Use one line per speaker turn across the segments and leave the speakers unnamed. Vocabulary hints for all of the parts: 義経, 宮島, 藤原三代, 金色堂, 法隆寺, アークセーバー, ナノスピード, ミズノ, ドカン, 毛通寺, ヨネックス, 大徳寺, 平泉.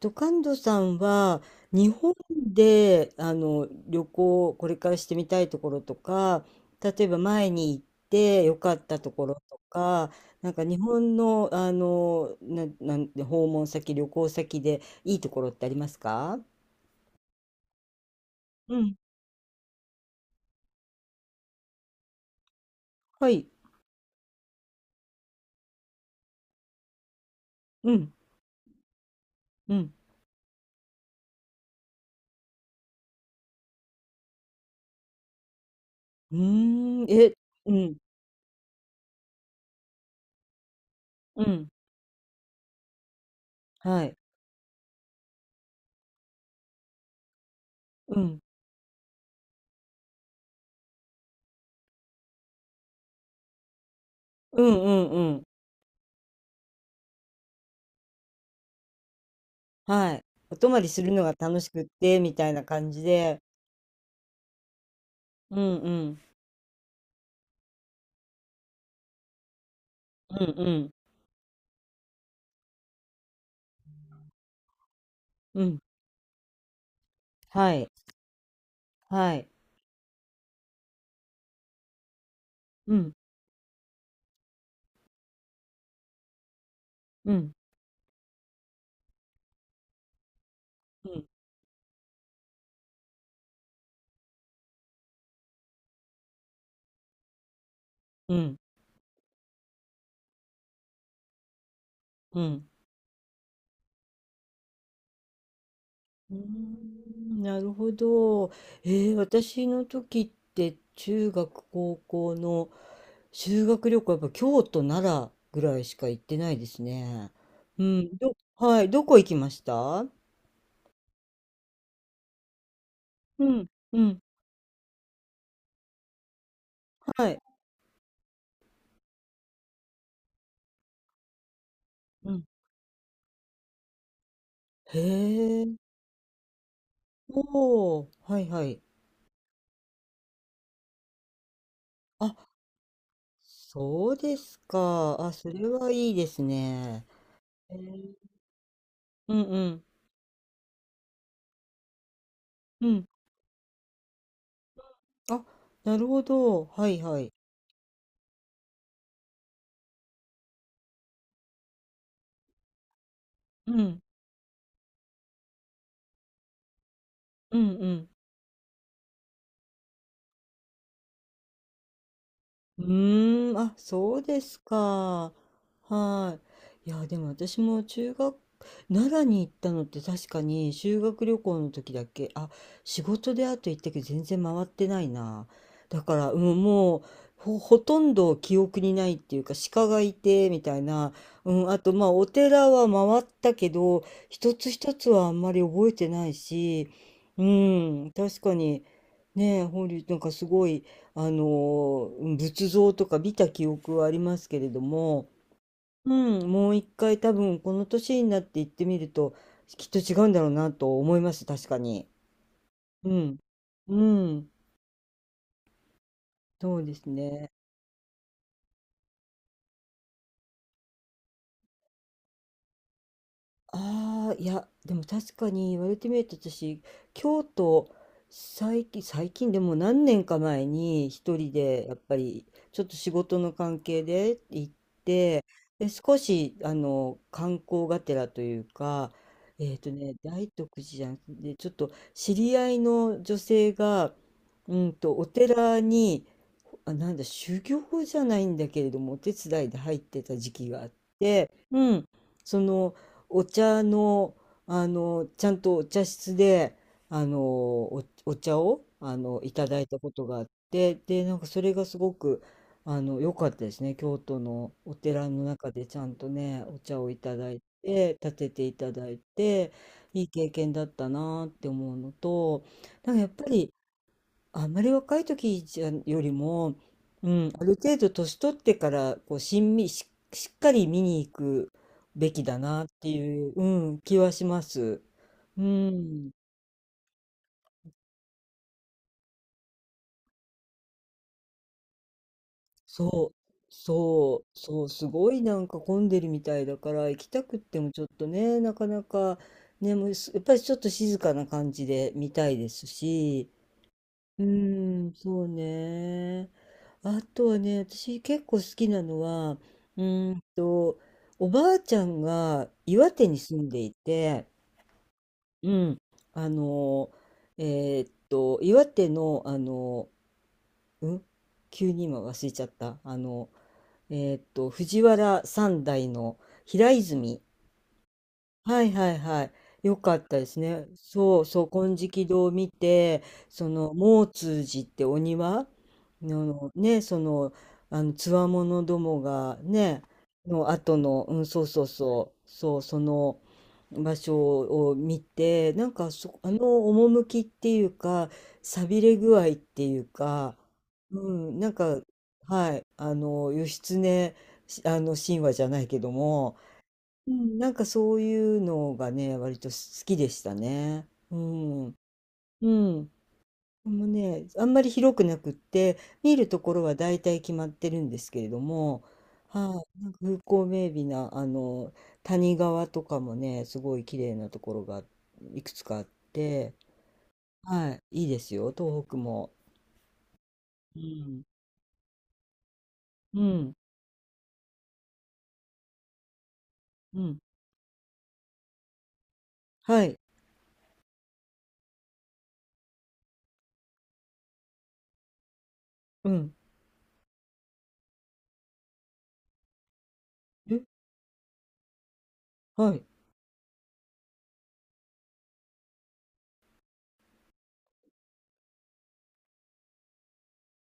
ドカンドさんは日本で旅行をこれからしてみたいところとか、例えば前に行って良かったところとか、なんか日本の、あのな、なんで訪問先、旅行先でいいところってありますか？うん。はい。うん、うん。うーん。え、うん、うん。はい。うん、うん、うん、うん。はい、お泊まりするのが楽しくってみたいな感じで。うん、うん、うん、うん、うん。はい、はい。うん、うん、うん、うん、うん。うーん、なるほど。え私の時って中学、高校の修学旅行はやっぱ京都、奈良ぐらいしか行ってないですね。うん、ど、はい、どこ行きました？うん、うん、はい。うん、へえ、おー、はいはい。あ、そうですか。あ、それはいいですね。へえ。うん、うん、うん。あ、なるほど。はいはい。うん。うんうん。うーん、あ、そうですか。はい。いや、でも私も中学、奈良に行ったのって確かに修学旅行の時だけ、あ、仕事であと行ったけど全然回ってないな。だから、うん、もう、ほ、ほとんど記憶にないっていうか、鹿がいて、みたいな。うん、あと、まあ、お寺は回ったけど、一つ一つはあんまり覚えてないし、うん、確かに、ねえ、法隆寺なんかすごい、あの仏像とか見た記憶はありますけれども、うん、もう一回多分この年になって行ってみるときっと違うんだろうなと思います、確かに。うん、うん、そうですね。ああ、いやでも確かに言われてみると私、京都、最近、でも何年か前に一人でやっぱりちょっと仕事の関係で行っで、少し、観光がてらというか、大徳寺じゃなくて、ちょっと知り合いの女性が、うんと、お寺に、あ、なんだ、修行じゃないんだけれども、お手伝いで入ってた時期があっうん、その、お茶の、ちゃんとお茶室で、お茶をいただいたことがあって、でなんかそれがすごく良かったですね。京都のお寺の中でちゃんとね、お茶をいただいて、立てていただいて、いい経験だったなって思うのと、なんかやっぱりあんまり若い時じゃよりも、うん、ある程度年取ってからこうしんみし、しっかり見に行くべきだなっていう、うん、気はします。うん、そう、そう、そう、すごいなんか混んでるみたいだから行きたくってもちょっとね、なかなか。ね、もうす、やっぱりちょっと静かな感じで見たいですし、うーん、そうね。あとはね、私結構好きなのは、うーんと、おばあちゃんが岩手に住んでいて、うん、あの、岩手の、あの、うん、急に今忘れちゃった。あの、藤原三代の平泉。はいはいはい。よかったですね。そうそう、金色堂を見て、その、毛通寺ってお庭のね、その、つわものどもがね、の後の、うん、そうそうそう、そう、その場所を見て、なんかそ、あの趣っていうか、寂れ具合っていうか、うん、なんか、はい、あの、義経、あの、神話じゃないけども、うん、なんかそういうのがね、割と好きでしたね。うん。うん。でもね、あんまり広くなくって、見るところは大体決まってるんですけれども、はい、なんか風光明媚な、谷川とかもね、すごい綺麗なところがいくつかあって、はい、いいですよ、東北も。うん。うん。うん。はい。うん。え、はい。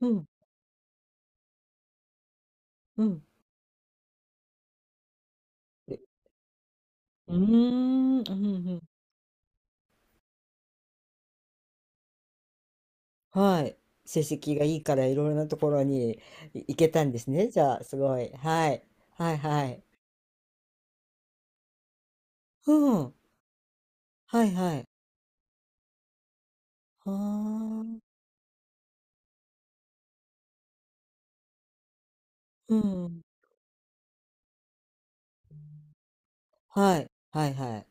うん。うん。え、うーん。うん。うん。はい。成績がいいからいろいろなところにい行けたんですね。じゃあ、すごい。はい。はいはい。うん。はいはい。はあ。うん。はい。はいはい。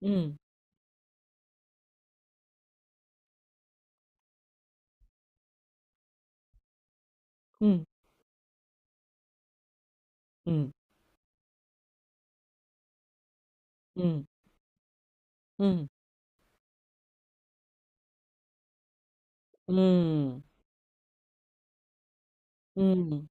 うん。うん。うん。うん。うん。うん。うん。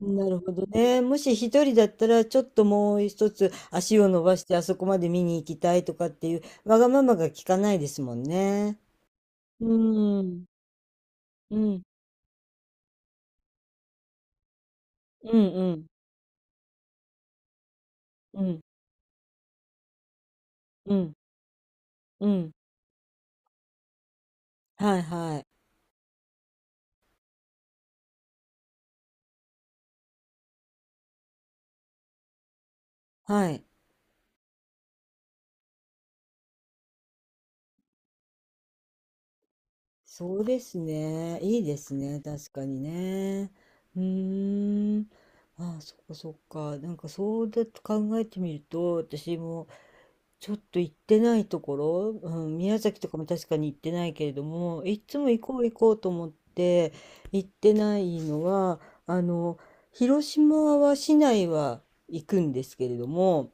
なるほどね。もし一人だったら、ちょっともう一つ足を伸ばしてあそこまで見に行きたいとかっていう、わがままが聞かないですもんね。うん。うん。うんうん。うん。うん。うん。はいはい。はい。そうですね。いいですね。確かにね。うーん。ああ、そっかそっか。なんかそうだと考えてみると、私もちょっと行ってないところ、うん、宮崎とかも確かに行ってないけれども、いつも行こう行こうと思って行ってないのは、あの、広島は市内は行くんですけれども、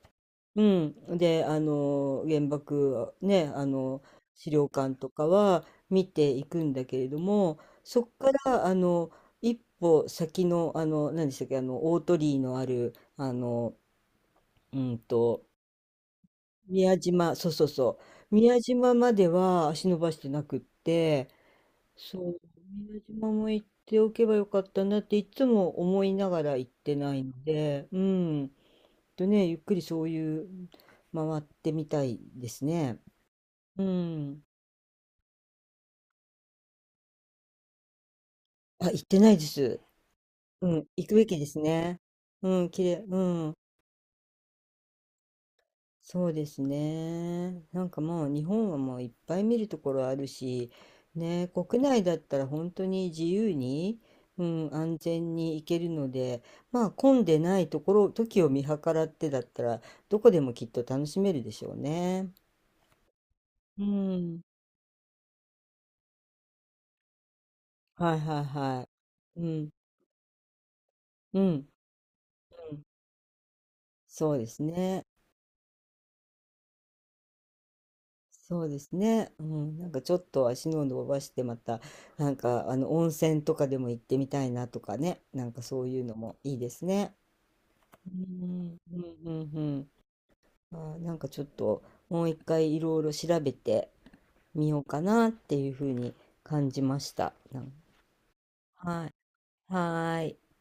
うん。で、あの、原爆、ね、あの、資料館とかは見ていくんだけれども、そこから、あの、一歩先の、あの、何でしたっけ、あの、大鳥居のある、あの、うんと、宮島、そうそうそう、宮島までは足伸ばしてなくって、そう、宮島も行っておけばよかったなっていつも思いながら行ってないので、うん。とね、ゆっくりそういう回ってみたいですね。うん。あ、行ってないです。うん、行くべきですね。うん、綺麗、うん。そうですね。なんかもう日本はもういっぱい見るところあるし、ね、国内だったら本当に自由に、うん、安全に行けるので、まあ混んでないところ、時を見計らってだったら、どこでもきっと楽しめるでしょうね。うん。はいはいはい。うん、うん、うん。そうですね。そうですね。うん、なんかちょっと足の伸ばしてまた、なんか温泉とかでも行ってみたいなとかね。なんかそういうのもいいですね。うん、うん、うん、うん。あー、なんかちょっともう一回いろいろ調べてみようかなっていうふうに感じました。なん、はい。はーい。